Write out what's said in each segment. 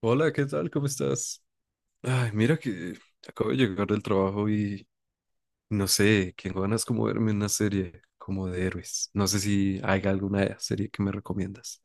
Hola, ¿qué tal? ¿Cómo estás? Ay, mira que acabo de llegar del trabajo y no sé, qué ganas como verme una serie como de héroes. No sé si hay alguna serie que me recomiendas.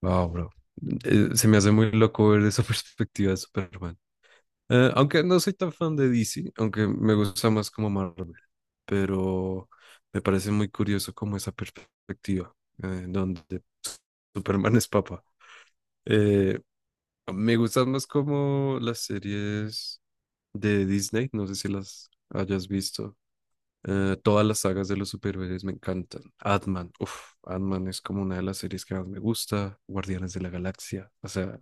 Wow, bro. Se me hace muy loco ver esa perspectiva de Superman. Aunque no soy tan fan de DC, aunque me gusta más como Marvel, pero me parece muy curioso como esa perspectiva donde Superman es papa. Eh, Me gustan más como las series de Disney, no sé si las hayas visto. Todas las sagas de los superhéroes me encantan. Ant-Man, uff, Ant-Man es como una de las series que más me gusta. Guardianes de la Galaxia, o sea,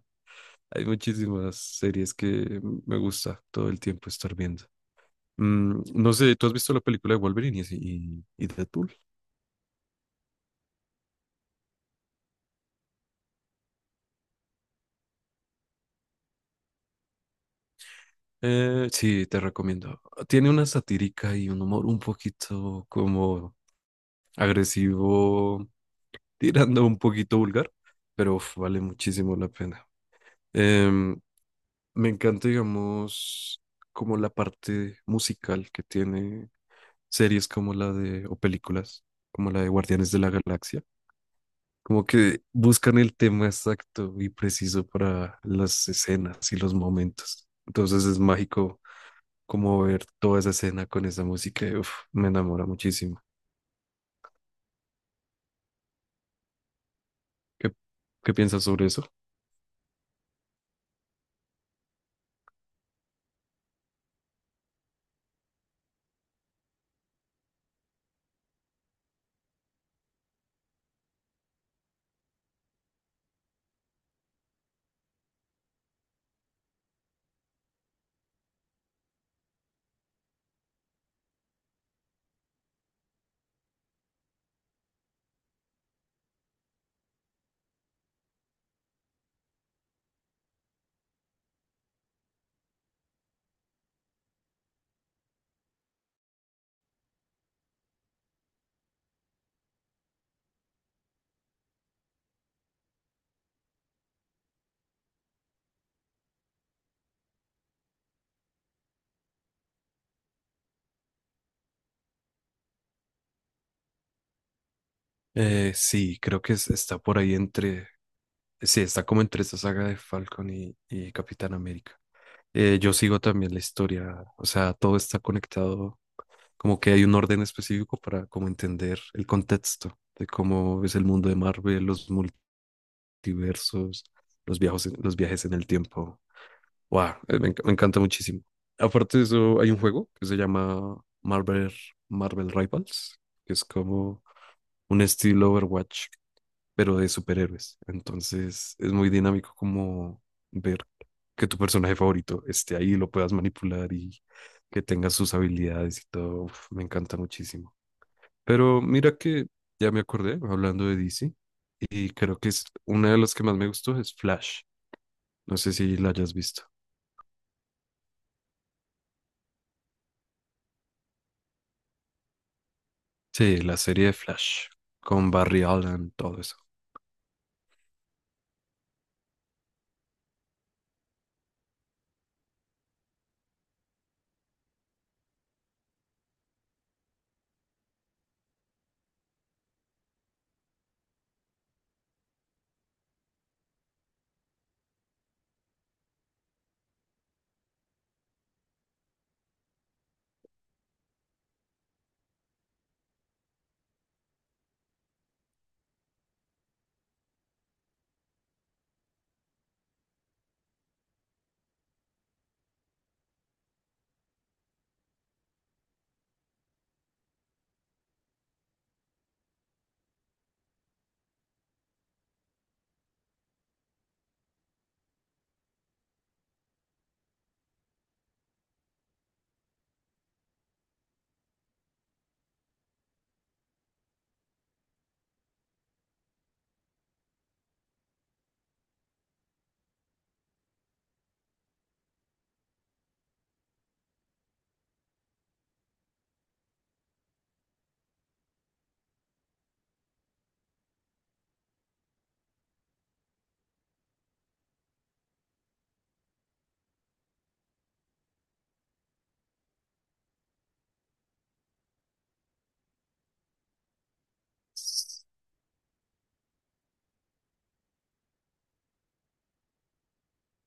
hay muchísimas series que me gusta todo el tiempo estar viendo. Mm, no sé, ¿tú has visto la película de Wolverine y Deadpool? Sí, te recomiendo. Tiene una satírica y un humor un poquito como agresivo, tirando un poquito vulgar, pero uf, vale muchísimo la pena. Em, Me encanta, digamos, como la parte musical que tiene series como la de, o películas, como la de Guardianes de la Galaxia. Como que buscan el tema exacto y preciso para las escenas y los momentos. Entonces es mágico como ver toda esa escena con esa música. Y uf, me enamora muchísimo. ¿Qué, ¿qué piensas sobre eso? Sí, creo que está por ahí entre, sí, está como entre esa saga de Falcon y Capitán América. Yo sigo también la historia, o sea, todo está conectado, como que hay un orden específico para como entender el contexto de cómo es el mundo de Marvel, los multiversos, los viajes en el tiempo. Wow, me encanta muchísimo. Aparte de eso, hay un juego que se llama Marvel Rivals, que es como un estilo Overwatch pero de superhéroes. Entonces es muy dinámico como ver que tu personaje favorito esté ahí, lo puedas manipular y que tenga sus habilidades y todo. Uf, me encanta muchísimo. Pero mira que ya me acordé hablando de DC y creo que es una de las que más me gustó es Flash. No sé si la hayas visto. Sí, la serie de Flash con Barry Allen, todo eso.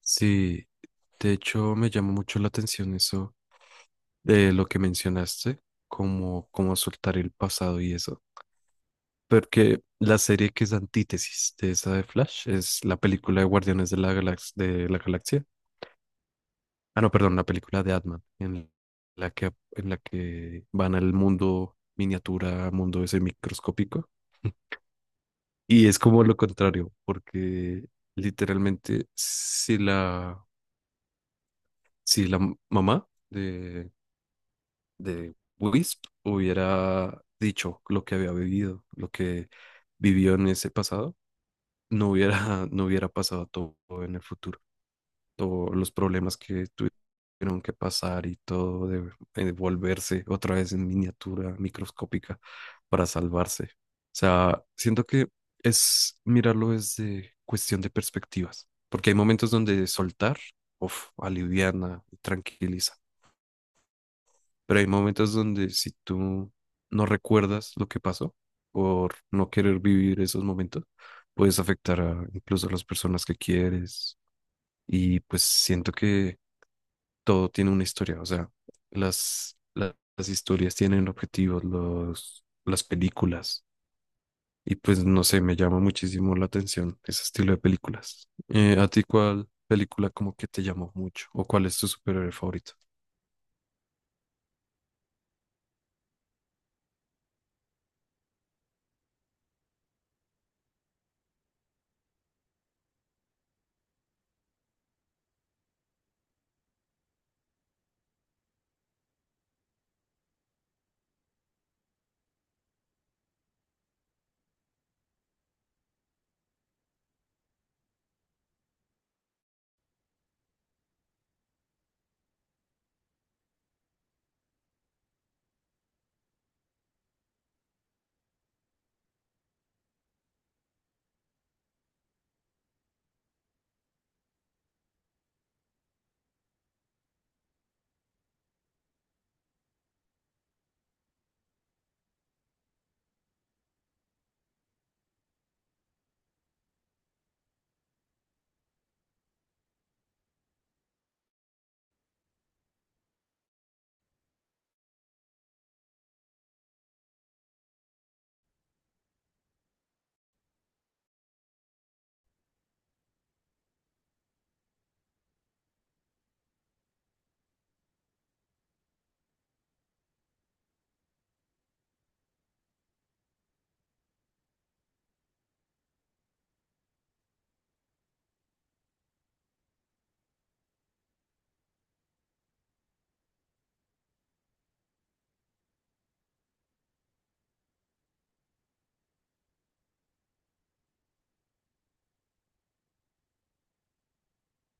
Sí, de hecho me llamó mucho la atención eso de lo que mencionaste, como soltar el pasado y eso. Porque la serie que es antítesis de esa de Flash es la película de Guardianes de la Galax- de la Galaxia. Ah, no, perdón, la película de Ant-Man, en en la que van al mundo miniatura, mundo ese microscópico. Y es como lo contrario, porque literalmente si la mamá de Wisp hubiera dicho lo que había vivido, lo que vivió en ese pasado, no hubiera pasado todo en el futuro. Todos los problemas que tuvieron que pasar y todo de volverse otra vez en miniatura microscópica para salvarse. O sea, siento que es mirarlo desde cuestión de perspectivas, porque hay momentos donde soltar, uf, aliviana y tranquiliza, pero hay momentos donde si tú no recuerdas lo que pasó por no querer vivir esos momentos, puedes afectar a incluso a las personas que quieres. Y pues siento que todo tiene una historia. O sea, las historias tienen objetivos, las películas. Y pues no sé, me llama muchísimo la atención ese estilo de películas. ¿A ti cuál película como que te llamó mucho? ¿O cuál es tu superhéroe favorito?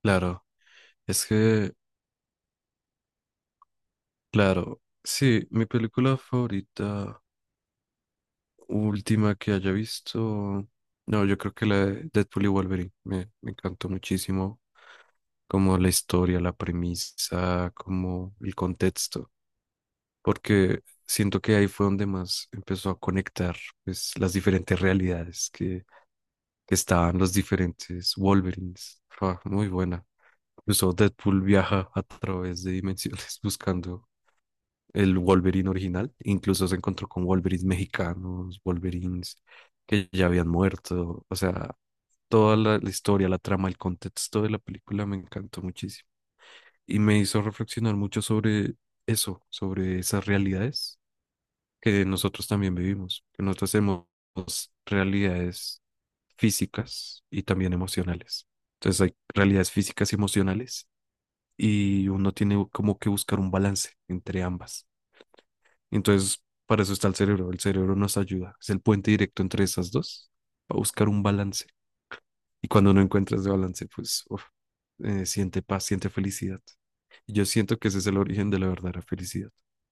Claro, es que Claro, sí, mi película favorita, última que haya visto, no, yo creo que la de Deadpool y Wolverine, me encantó muchísimo, como la historia, la premisa, como el contexto, porque siento que ahí fue donde más empezó a conectar pues, las diferentes realidades que estaban los diferentes Wolverines. Ah, muy buena. Incluso Deadpool viaja a través de dimensiones buscando el Wolverine original. Incluso se encontró con Wolverines mexicanos, Wolverines que ya habían muerto. O sea, toda la historia, la trama, el contexto de la película me encantó muchísimo. Y me hizo reflexionar mucho sobre eso, sobre esas realidades que nosotros también vivimos, que nosotros tenemos realidades físicas y también emocionales. Entonces hay realidades físicas y emocionales y uno tiene como que buscar un balance entre ambas. Entonces, para eso está el cerebro. El cerebro nos ayuda. Es el puente directo entre esas dos para buscar un balance. Y cuando no encuentras ese balance, pues uf, siente paz, siente felicidad. Y yo siento que ese es el origen de la verdadera felicidad. O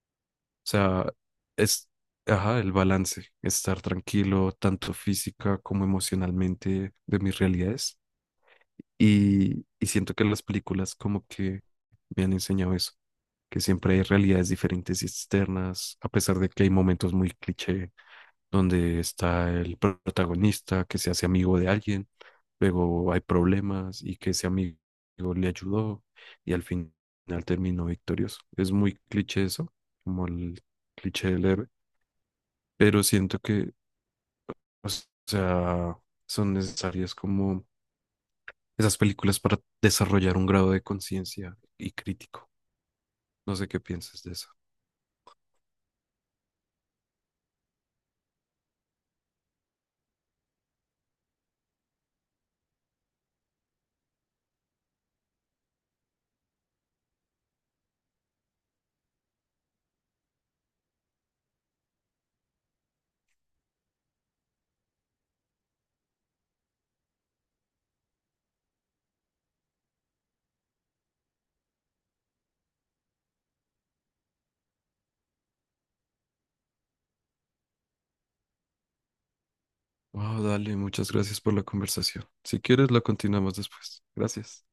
sea, es, ajá, el balance, estar tranquilo, tanto física como emocionalmente de mis realidades. Y siento que las películas como que me han enseñado eso, que siempre hay realidades diferentes y externas, a pesar de que hay momentos muy cliché donde está el protagonista que se hace amigo de alguien, luego hay problemas y que ese amigo le ayudó y al final terminó victorioso. Es muy cliché eso, como el cliché del héroe, pero siento que, o sea, son necesarias como esas películas para desarrollar un grado de conciencia y crítico. No sé qué piensas de eso. Oh, dale, muchas gracias por la conversación. Si quieres, la continuamos después. Gracias.